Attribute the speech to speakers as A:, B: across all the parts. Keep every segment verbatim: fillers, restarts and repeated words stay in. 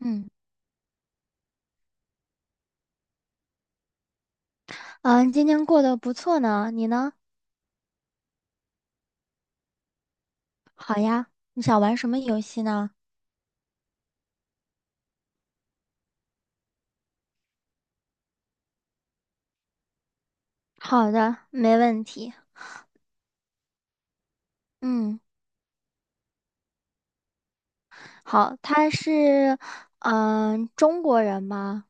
A: 嗯，嗯，今天过得不错呢，你呢？好呀，你想玩什么游戏呢？好的，没问题。嗯，好，他是，嗯，中国人吗？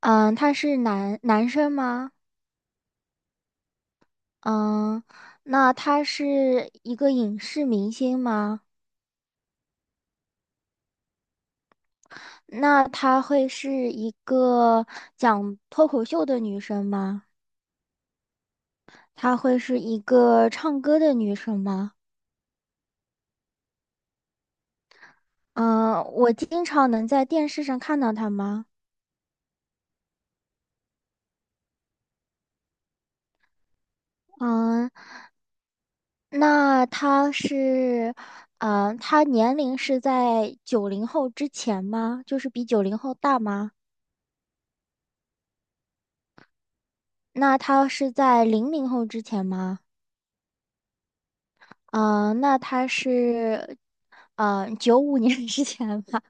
A: 嗯，他是男男生吗？嗯，那他是一个影视明星吗？那他会是一个讲脱口秀的女生吗？她会是一个唱歌的女生吗？嗯，我经常能在电视上看到她吗？嗯，那他是，嗯，他年龄是在九零后之前吗？就是比九零后大吗？那他是在零零后之前吗？嗯，那他是，嗯，九五年 之前吧。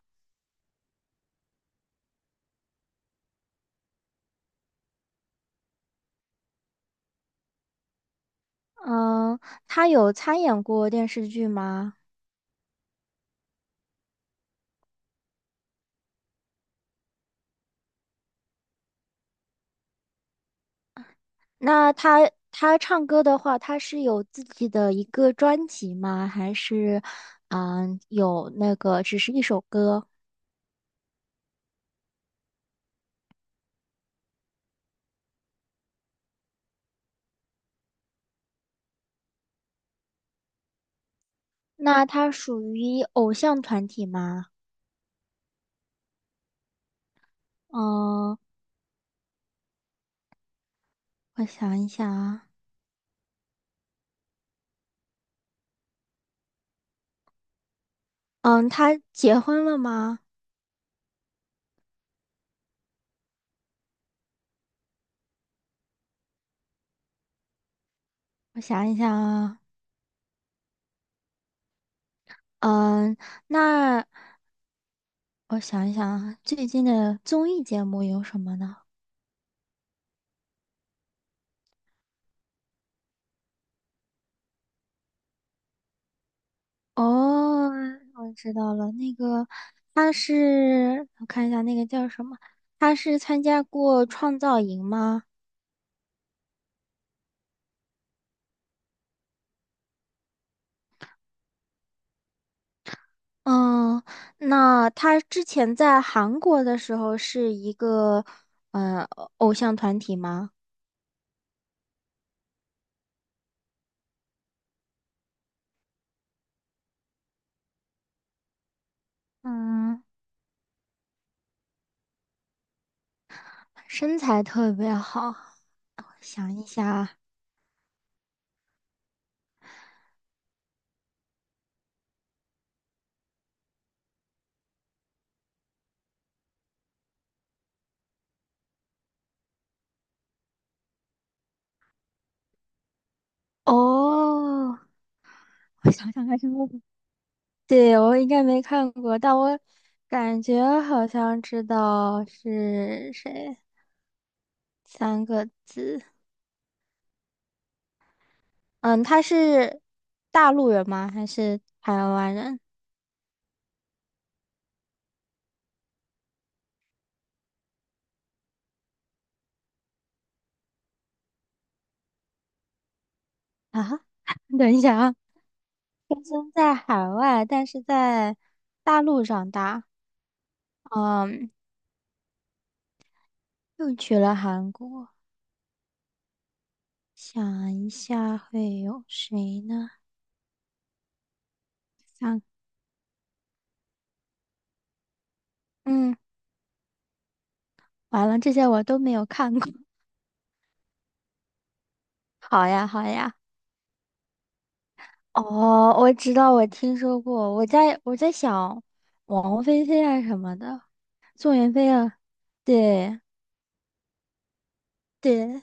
A: 嗯，他有参演过电视剧吗？那他他唱歌的话，他是有自己的一个专辑吗？还是，嗯，有那个只是一首歌？那他属于偶像团体吗？嗯，我想一想啊，嗯，他结婚了吗？我想一想啊，嗯，那我想一想啊，最近的综艺节目有什么呢？哦，我知道了，那个他是，我看一下那个叫什么，他是参加过创造营吗？嗯，那他之前在韩国的时候是一个，嗯偶像团体吗？嗯，身材特别好，想一下，哦，我想想看什么 对，我应该没看过，但我感觉好像知道是谁，三个字。嗯，他是大陆人吗？还是台湾人啊？等一下啊，出生在海外，但是在大陆长大，嗯，又去了韩国。想一下会有谁呢？想，嗯。完了，这些我都没有看过。好呀，好呀。哦，我知道，我听说过。我在我在想，王菲菲啊什么的，宋妍霏啊，对对，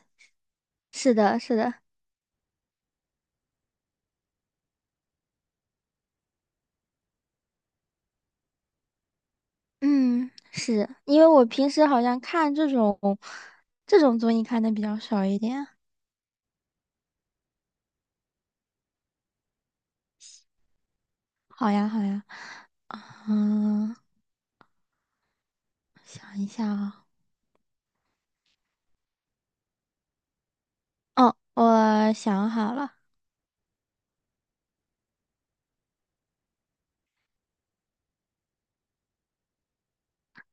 A: 是的，是的，嗯，是因为我平时好像看这种这种综艺看的比较少一点。好呀，好呀，嗯，想一下啊，哦，我想好了，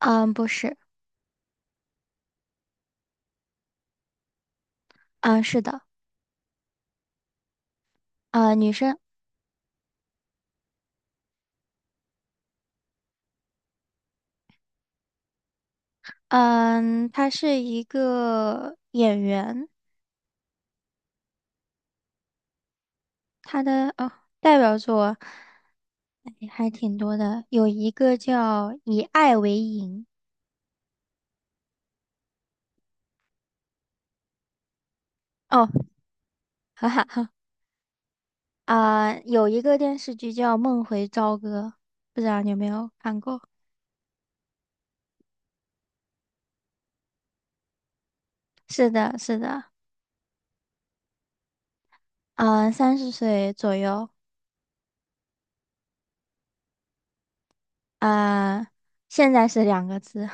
A: 嗯，不是，嗯，是的，嗯，女生。嗯，他是一个演员，他的哦代表作哎还挺多的，有一个叫《以爱为营》哦，哈哈啊，有一个电视剧叫《梦回朝歌》，不知道你有没有看过？是的，是的，嗯，三十岁左右，啊，现在是两个字，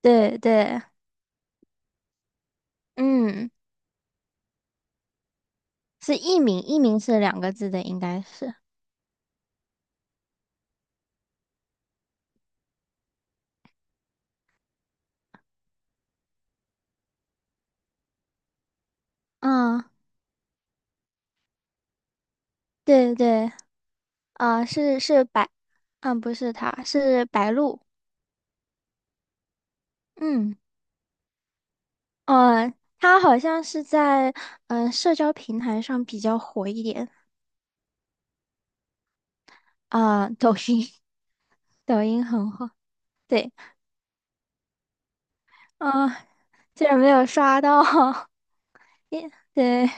A: 对对，嗯，是艺名，艺名是两个字的，应该是，嗯，对对。啊，是是白，嗯，不是他，是白鹿。嗯，呃，他好像是在嗯、呃社交平台上比较火一点啊、抖音，抖音很火。对，啊、竟然没有刷到，也对，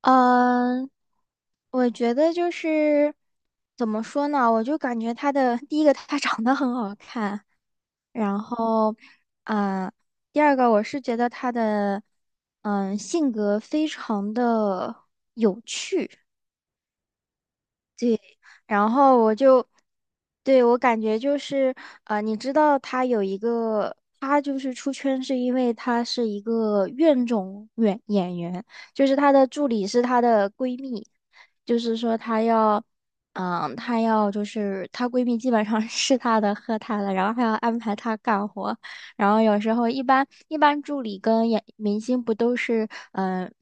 A: 嗯、我觉得就是怎么说呢，我就感觉他的第一个，他长得很好看，然后，嗯，第二个我是觉得他的，嗯，性格非常的。然后我就，对，我感觉就是，呃，你知道他有一个，他就是出圈是因为他是一个怨种演演员，就是他的助理是他的闺蜜，就是说她要，嗯，她要就是她闺蜜基本上 是她的喝她的，然后还要安排她干活，然后有时候一般一般助理跟演明星不都是，嗯、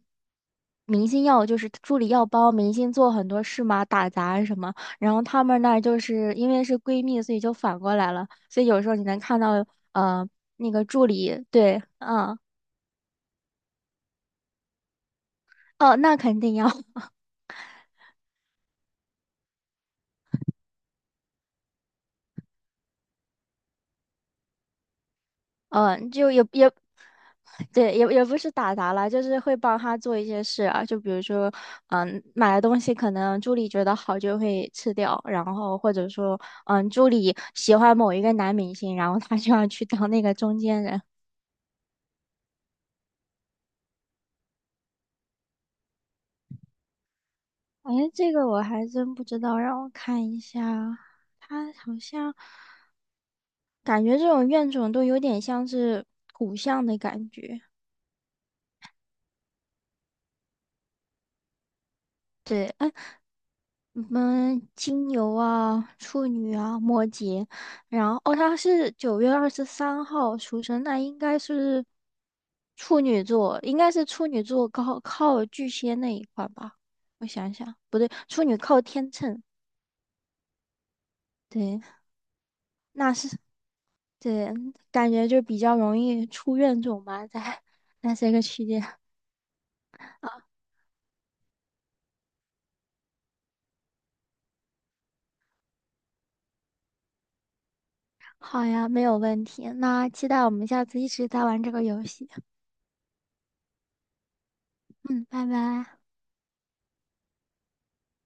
A: 明星要就是助理要帮明星做很多事嘛，打杂什么。然后她们那儿就是因为是闺蜜，所以就反过来了，所以有时候你能看到，呃，那个助理，对，嗯，哦，那肯定要，嗯，就也也，对，也也不是打杂了，就是会帮她做一些事啊，就比如说，嗯，买的东西可能助理觉得好就会吃掉，然后或者说，嗯，助理喜欢某一个男明星，然后她就要去当那个中间人。哎，这个我还真不知道，让我看一下，他好像。感觉这种怨种都有点像是骨相的感觉。对，哎，你们金牛啊、处女啊、摩羯，然后哦，他是九月二十三号出生，那应该是处女座，应该是处女座靠靠巨蟹那一块吧？我想想，不对，处女靠天秤，对，那是对，感觉就比较容易出怨种吧，在在这个期间。好呀，没有问题。那期待我们下次一直在玩这个游戏。嗯，拜拜。